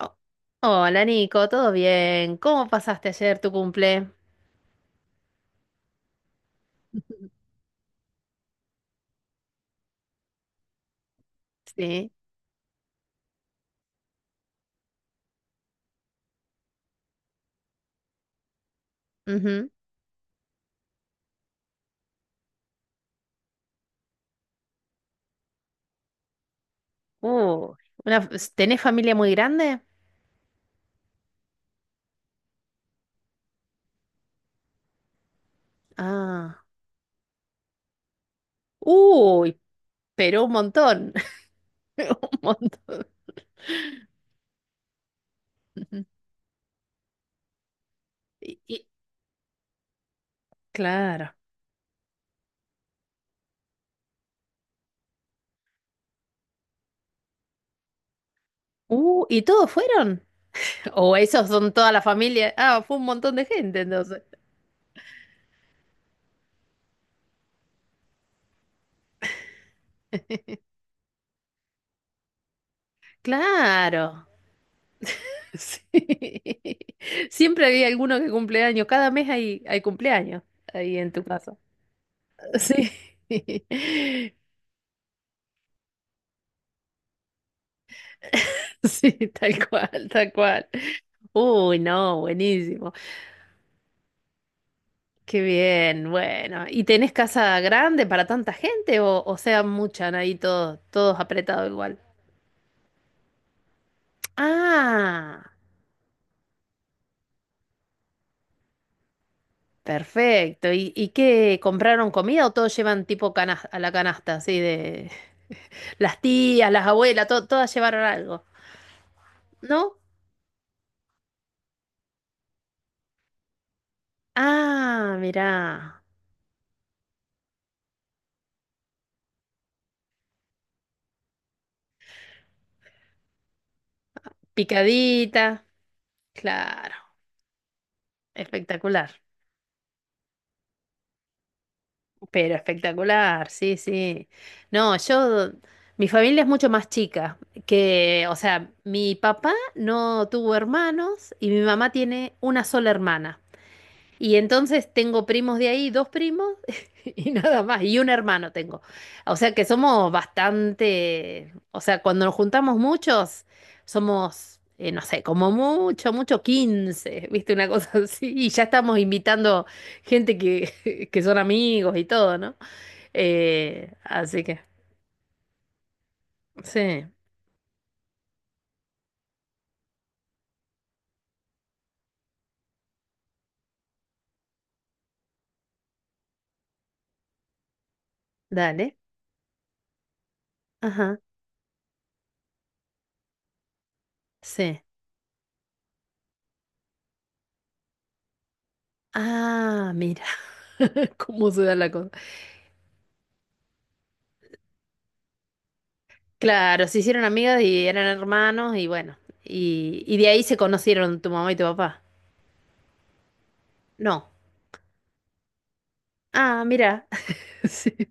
Oh, Hola Nico, ¿todo bien? ¿Cómo pasaste ayer tu cumple? Sí. Ujú. Uh, ¿tenés familia muy grande? Ah. Uy, pero un montón. Un montón. Y, y- claro. ¿Y todos fueron? ¿O esos son toda la familia? Ah, fue un montón de gente entonces. Claro. Sí. Siempre había alguno que cumple años. Cada mes hay cumpleaños ahí en tu casa. Sí, sí, tal cual, tal cual. Uy, no, buenísimo. Qué bien, bueno. ¿Y tenés casa grande para tanta gente o sea, muchan ahí todos, todos apretados igual? Ah, perfecto. ¿Y qué? ¿Compraron comida o todos llevan tipo a la canasta, así de las tías, las abuelas, todas llevaron algo? ¿No? Ah, mirá, picadita. Claro, espectacular. Pero espectacular, sí, sí. No, yo, mi familia es mucho más chica que, o sea, mi papá no tuvo hermanos y mi mamá tiene una sola hermana. Y entonces tengo primos de ahí, dos primos y nada más, y un hermano tengo. O sea que somos bastante, o sea, cuando nos juntamos muchos, somos, no sé, como mucho, mucho 15, ¿viste? Una cosa así. Y ya estamos invitando gente que, que son amigos y todo, ¿no? Así que, sí, dale. Ajá, sí. Ah, mira, cómo se da la cosa. Claro, se hicieron amigas y eran hermanos y bueno, y de ahí se conocieron tu mamá y tu papá. No. Ah, mira, sí,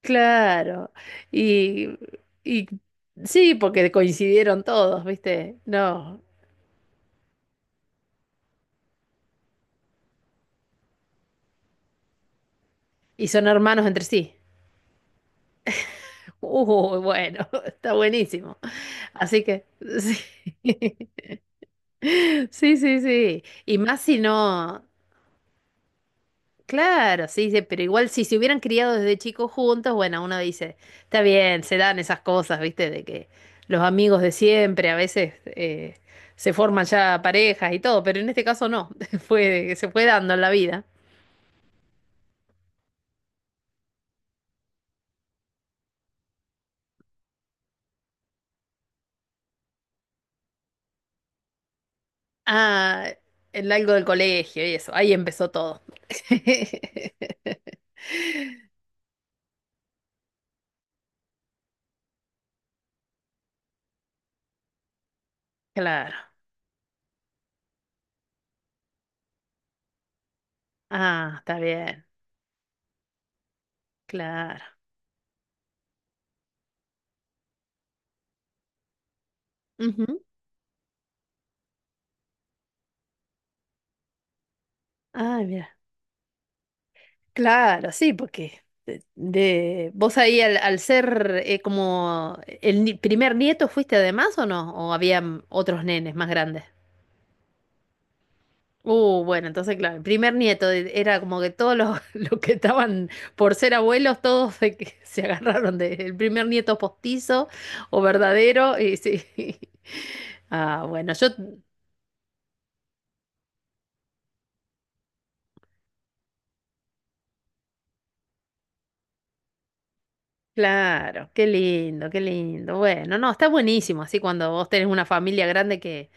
claro. Y, y sí, porque coincidieron todos, ¿viste? No. Y son hermanos entre sí. Bueno, está buenísimo. Así que, sí. Sí, sí, sí. Y más si no. Claro, sí, sí, pero igual si se hubieran criado desde chicos juntos, bueno, uno dice, está bien, se dan esas cosas, ¿viste? De que los amigos de siempre a veces se forman ya parejas y todo, pero en este caso no, fue, se fue dando en la vida. Ah, en algo del colegio y eso, ahí empezó todo. Claro. Ah, está bien, claro. Ujú. Ay, mira. Claro, sí, porque vos ahí al ser como el primer nieto fuiste además o no, o había otros nenes más grandes. Bueno, entonces claro, el primer nieto era como que los que estaban por ser abuelos, se agarraron del primer nieto postizo o verdadero y sí. Ah, bueno, yo, claro, qué lindo, qué lindo. Bueno, no, está buenísimo, así cuando vos tenés una familia grande que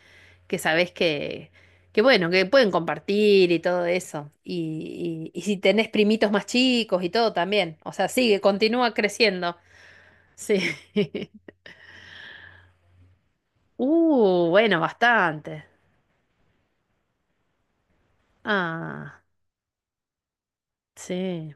sabés que bueno, que pueden compartir y todo eso. Y si tenés primitos más chicos y todo también. O sea, sigue, continúa creciendo. Sí. Bueno, bastante. Ah, sí.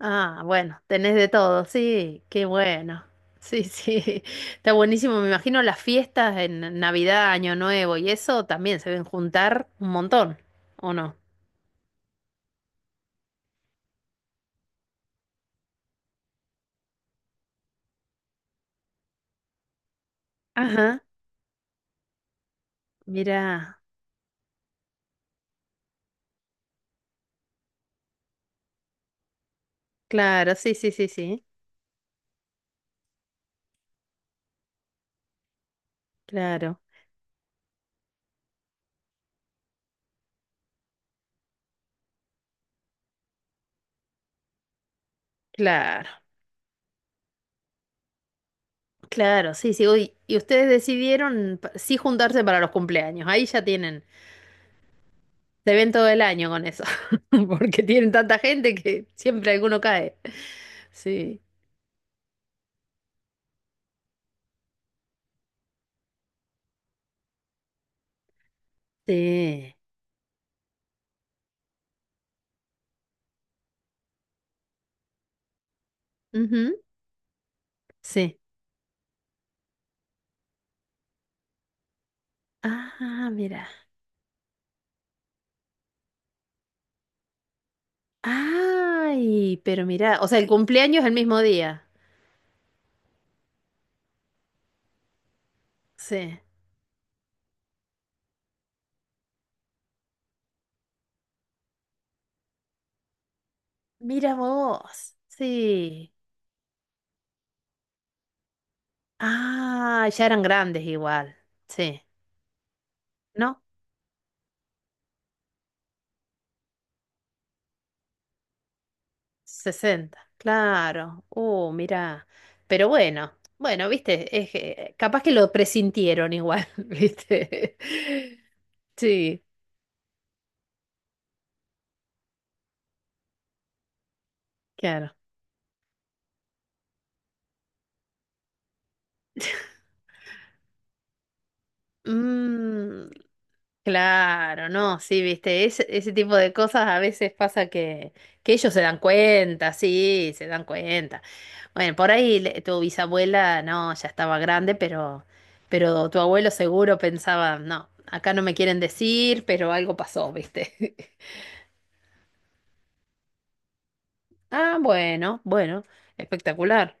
Ah, bueno, tenés de todo, sí, qué bueno. Sí, sí, está buenísimo. Me imagino las fiestas en Navidad, Año Nuevo y eso también se ven juntar un montón, ¿o no? Ajá, mira, claro, sí, sí, sí, sí, claro. Claro, claro, sí, sí. Uy, y ustedes decidieron sí juntarse para los cumpleaños. Ahí ya tienen, se ven todo el año con eso, porque tienen tanta gente que siempre alguno cae. Sí, sí. Ujú, sí. Ah, mira. Ay, pero mira, o sea, el cumpleaños es el mismo día. Sí. Mira vos. Sí. Ah, ya eran grandes igual. Sí. ¿No? Sesenta claro. Mirá. Pero bueno, bueno, viste, es que capaz que lo presintieron igual, viste. Sí, claro. Mm, claro, no, sí, viste, ese tipo de cosas a veces pasa que ellos se dan cuenta, sí, se dan cuenta. Bueno, por ahí tu bisabuela, no, ya estaba grande, pero tu abuelo seguro pensaba, no, acá no me quieren decir, pero algo pasó, viste. Ah, bueno, bueno, espectacular.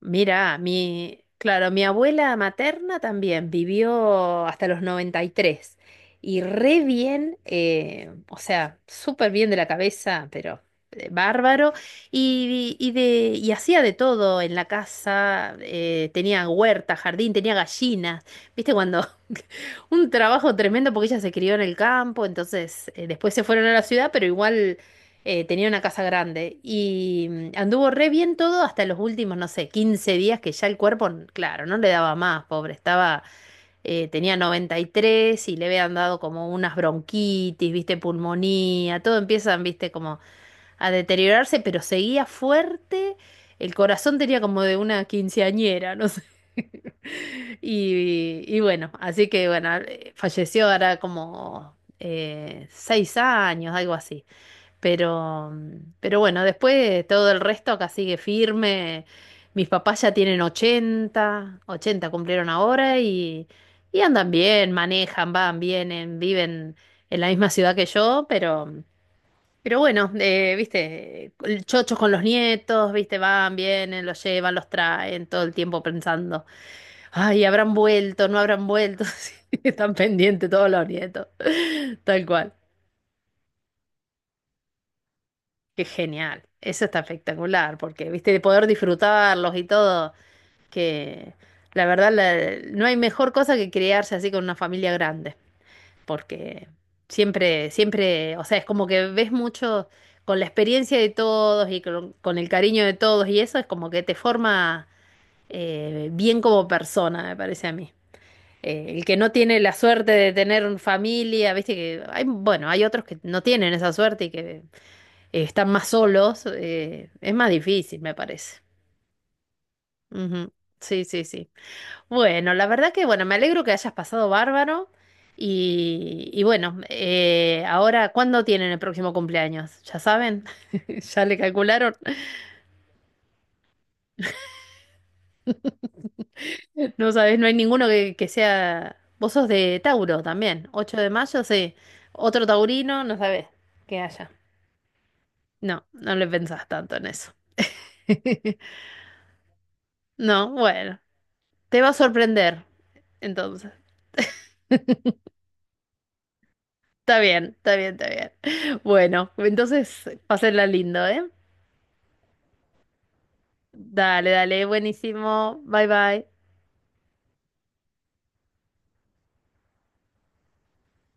Mira, mi, claro, mi abuela materna también vivió hasta los 93 y tres y re bien, o sea, súper bien de la cabeza, pero bárbaro, y, de, y hacía de todo en la casa, tenía huerta, jardín, tenía gallinas, viste cuando un trabajo tremendo porque ella se crió en el campo, entonces después se fueron a la ciudad, pero igual tenía una casa grande y anduvo re bien todo hasta los últimos, no sé, 15 días que ya el cuerpo, claro, no le daba más, pobre, estaba, tenía 93 y tres y le habían dado como unas bronquitis, viste, pulmonía, todo empiezan, viste, como a deteriorarse, pero seguía fuerte, el corazón tenía como de una quinceañera, no sé. Y bueno, así que bueno, falleció ahora como 6 años, algo así. Pero, pero bueno, después todo el resto acá sigue firme. Mis papás ya tienen ochenta, 80 cumplieron ahora y andan bien, manejan, van, vienen, viven en la misma ciudad que yo, pero, pero bueno, viste, chochos con los nietos, viste, van, vienen, los llevan, los traen, todo el tiempo pensando, ay, habrán vuelto, no habrán vuelto, sí, están pendientes todos los nietos, tal cual. Qué genial, eso está espectacular, porque viste, de poder disfrutarlos y todo, que la verdad no hay mejor cosa que criarse así con una familia grande, porque siempre, siempre, o sea, es como que ves mucho con la experiencia de todos y con el cariño de todos y eso es como que te forma bien como persona, me parece a mí. El que no tiene la suerte de tener familia, viste que hay, bueno, hay otros que no tienen esa suerte y que están más solos, es más difícil, me parece. Ujú. Sí, sí, sí. Bueno, la verdad que, bueno, me alegro que hayas pasado bárbaro. Y bueno, ahora, ¿cuándo tienen el próximo cumpleaños? ¿Ya saben? ¿Ya le calcularon? No sabes, no hay ninguno que sea... Vos sos de Tauro también, 8 de mayo, sí. Otro taurino, no sabés que haya. No, no le pensás tanto en eso. No, bueno, te va a sorprender, entonces. Está bien, está bien, está bien. Bueno, entonces, pásenla lindo, ¿eh? Dale, dale, buenísimo. Bye, bye.